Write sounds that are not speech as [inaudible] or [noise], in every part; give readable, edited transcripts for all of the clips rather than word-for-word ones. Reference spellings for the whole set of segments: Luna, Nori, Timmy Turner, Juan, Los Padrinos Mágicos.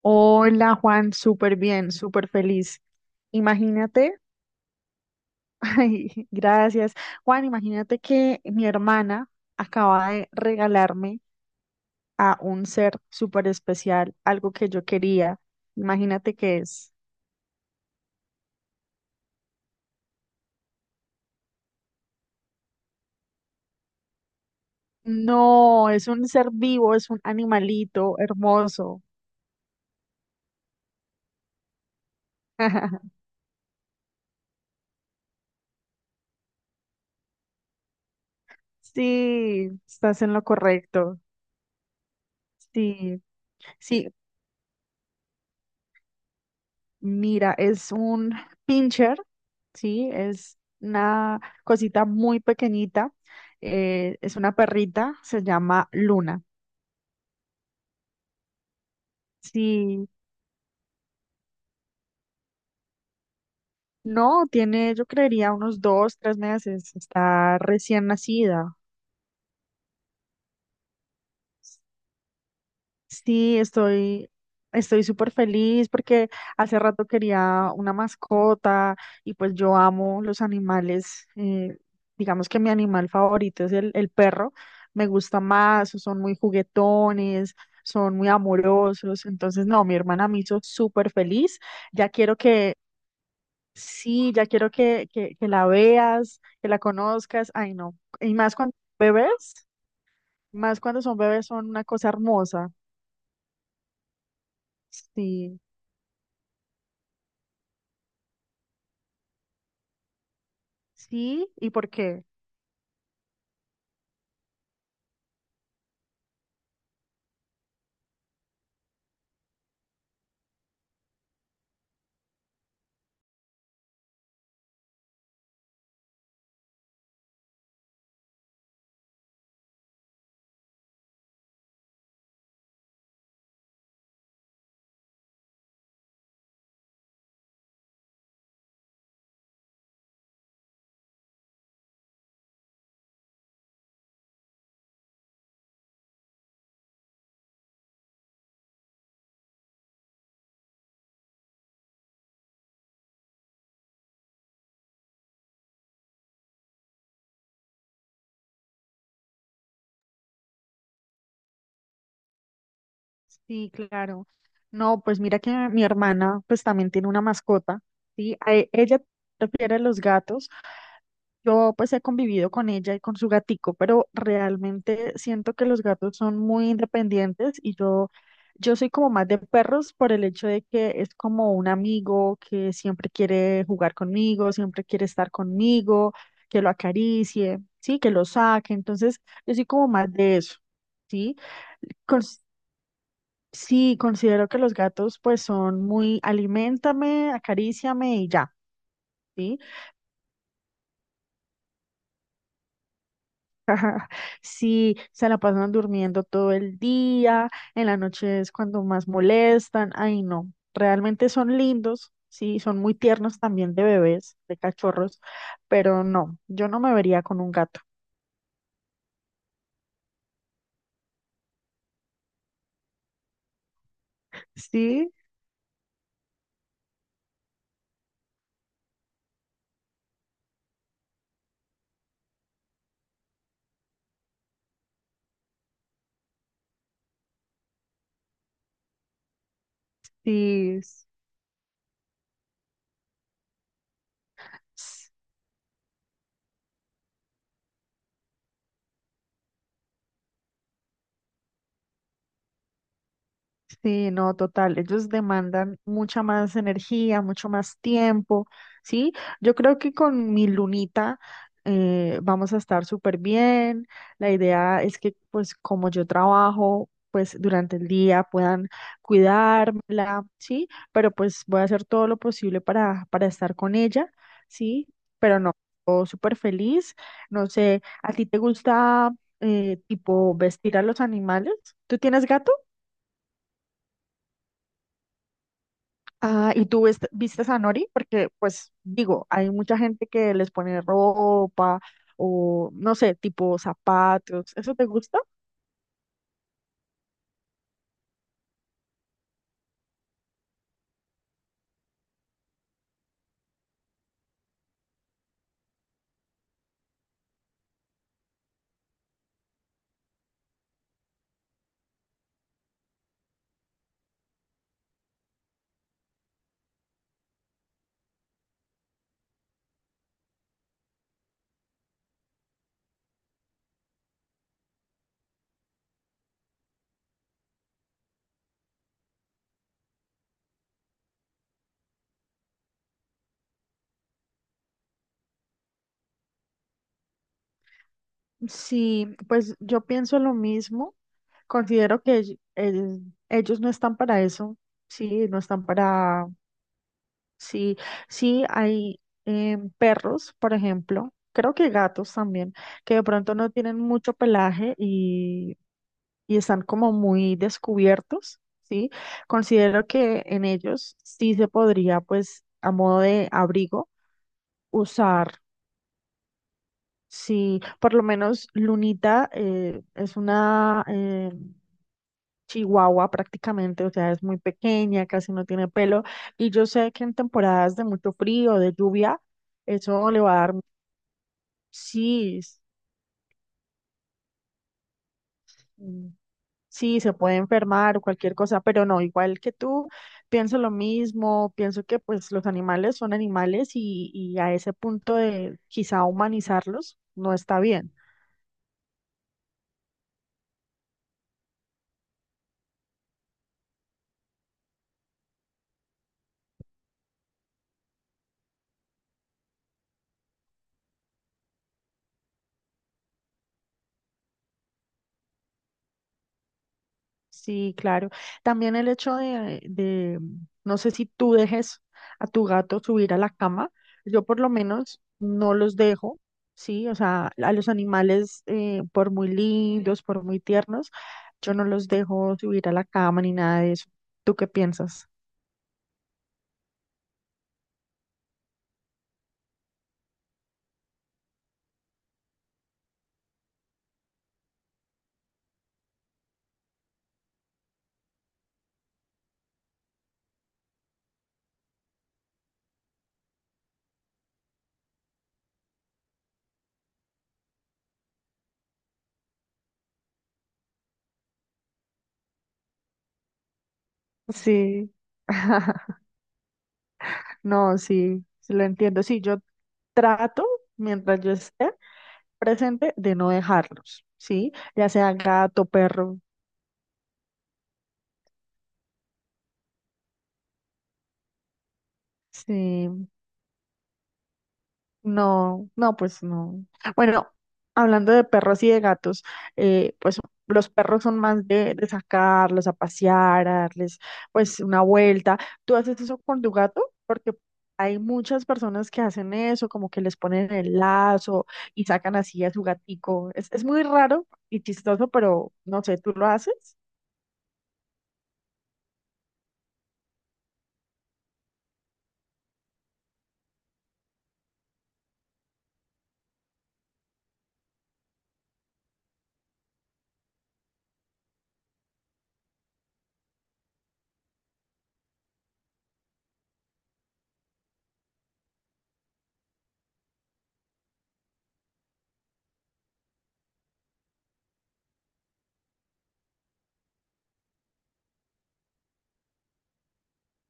Hola Juan, súper bien, súper feliz. Imagínate, [laughs] ay, gracias. Juan, imagínate que mi hermana acaba de regalarme a un ser súper especial, algo que yo quería. Imagínate qué es. No, es un ser vivo, es un animalito hermoso. [laughs] Sí, estás en lo correcto. Sí, sí, mira, es un pincher, ¿sí? Es una cosita muy pequeñita. Es una perrita, se llama Luna. Sí, no, tiene, yo creería, unos dos, tres meses. Está recién nacida. Sí, estoy súper feliz porque hace rato quería una mascota y pues yo amo los animales. Digamos que mi animal favorito es el perro. Me gusta más, son muy juguetones, son muy amorosos. Entonces, no, mi hermana me hizo súper feliz. Ya quiero que, sí, ya quiero que la veas, que la conozcas. Ay, no. Y más cuando son bebés, más cuando son bebés son una cosa hermosa. Sí. Sí, ¿y por qué? Sí, claro. No, pues mira que mi hermana pues también tiene una mascota, ¿sí? Ella prefiere los gatos. Yo pues he convivido con ella y con su gatico, pero realmente siento que los gatos son muy independientes yo soy como más de perros por el hecho de que es como un amigo que siempre quiere jugar conmigo, siempre quiere estar conmigo, que lo acaricie, sí, que lo saque. Entonces, yo soy como más de eso, ¿sí? Cons- sí, considero que los gatos pues son muy aliméntame, acaríciame y ya. ¿Sí? Si se la pasan durmiendo todo el día, en la noche es cuando más molestan, ay no, realmente son lindos, sí, son muy tiernos también de bebés, de cachorros, pero no, yo no me vería con un gato. Sí, sí, sí, no, total. Ellos demandan mucha más energía, mucho más tiempo, ¿sí? Yo creo que con mi lunita vamos a estar súper bien. La idea es que, pues, como yo trabajo, pues, durante el día puedan cuidármela, ¿sí? Pero pues voy a hacer todo lo posible para estar con ella, ¿sí? Pero no, todo súper feliz. No sé, ¿a ti te gusta, tipo, vestir a los animales? ¿Tú tienes gato? Ah, ¿y tú vistes a Nori? Porque, pues, digo, hay mucha gente que les pone ropa o, no sé, tipo zapatos. ¿Eso te gusta? Sí, pues yo pienso lo mismo. Considero que ellos no están para eso. Sí, no están para... Sí, sí, hay perros, por ejemplo. Creo que gatos también, que de pronto no tienen mucho pelaje y están como muy descubiertos, ¿sí? Considero que en ellos sí se podría, pues, a modo de abrigo, usar, sí, por lo menos Lunita es una chihuahua prácticamente, o sea, es muy pequeña, casi no tiene pelo, y yo sé que en temporadas de mucho frío, de lluvia, eso le va a dar, sí. Sí, se puede enfermar o cualquier cosa, pero no, igual que tú, pienso lo mismo, pienso que pues los animales son animales y a ese punto de quizá humanizarlos no está bien. Sí, claro. También el hecho no sé si tú dejes a tu gato subir a la cama, yo por lo menos no los dejo, sí, o sea, a los animales, por muy lindos, por muy tiernos, yo no los dejo subir a la cama ni nada de eso. ¿Tú qué piensas? Sí, [laughs] no, sí, sí lo entiendo. Sí, yo trato, mientras yo esté presente, de no dejarlos, ¿sí? Ya sea gato, perro, sí. No, no, pues no. Bueno, hablando de perros y de gatos, pues los perros son más de sacarlos a pasear, a darles pues una vuelta. ¿Tú haces eso con tu gato? Porque hay muchas personas que hacen eso, como que les ponen el lazo y sacan así a su gatico. Es muy raro y chistoso, pero no sé, ¿tú lo haces?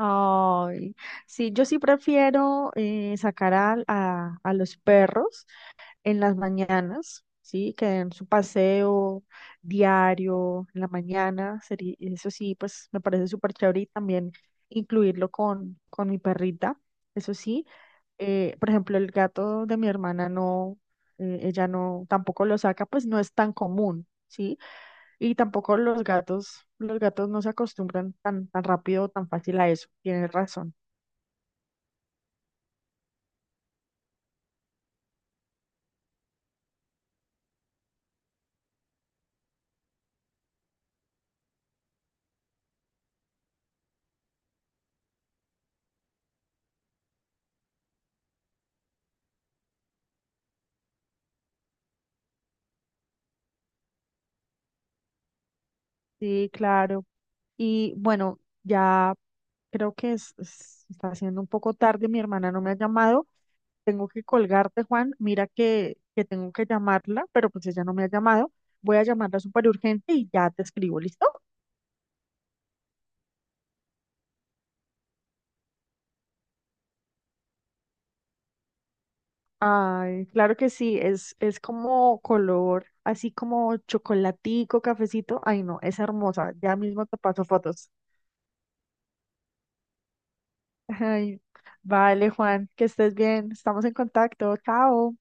Ay, sí, yo sí prefiero sacar a los perros en las mañanas, ¿sí? Que den su paseo diario en la mañana, sería, eso sí, pues me parece súper chévere y también incluirlo con mi perrita, eso sí. Por ejemplo, el gato de mi hermana no, ella no, tampoco lo saca, pues no es tan común, ¿sí? Y tampoco los gatos, los gatos no se acostumbran tan, tan rápido o tan fácil a eso, tienes razón. Sí, claro. Y bueno, ya creo que está haciendo un poco tarde, mi hermana no me ha llamado. Tengo que colgarte, Juan. Mira que tengo que llamarla, pero pues ella no me ha llamado. Voy a llamarla súper urgente y ya te escribo, ¿listo? Ay, claro que sí, es como color, así como chocolatico, cafecito. Ay, no, es hermosa. Ya mismo te paso fotos. [laughs] Ay, vale, Juan, que estés bien. Estamos en contacto. Chao.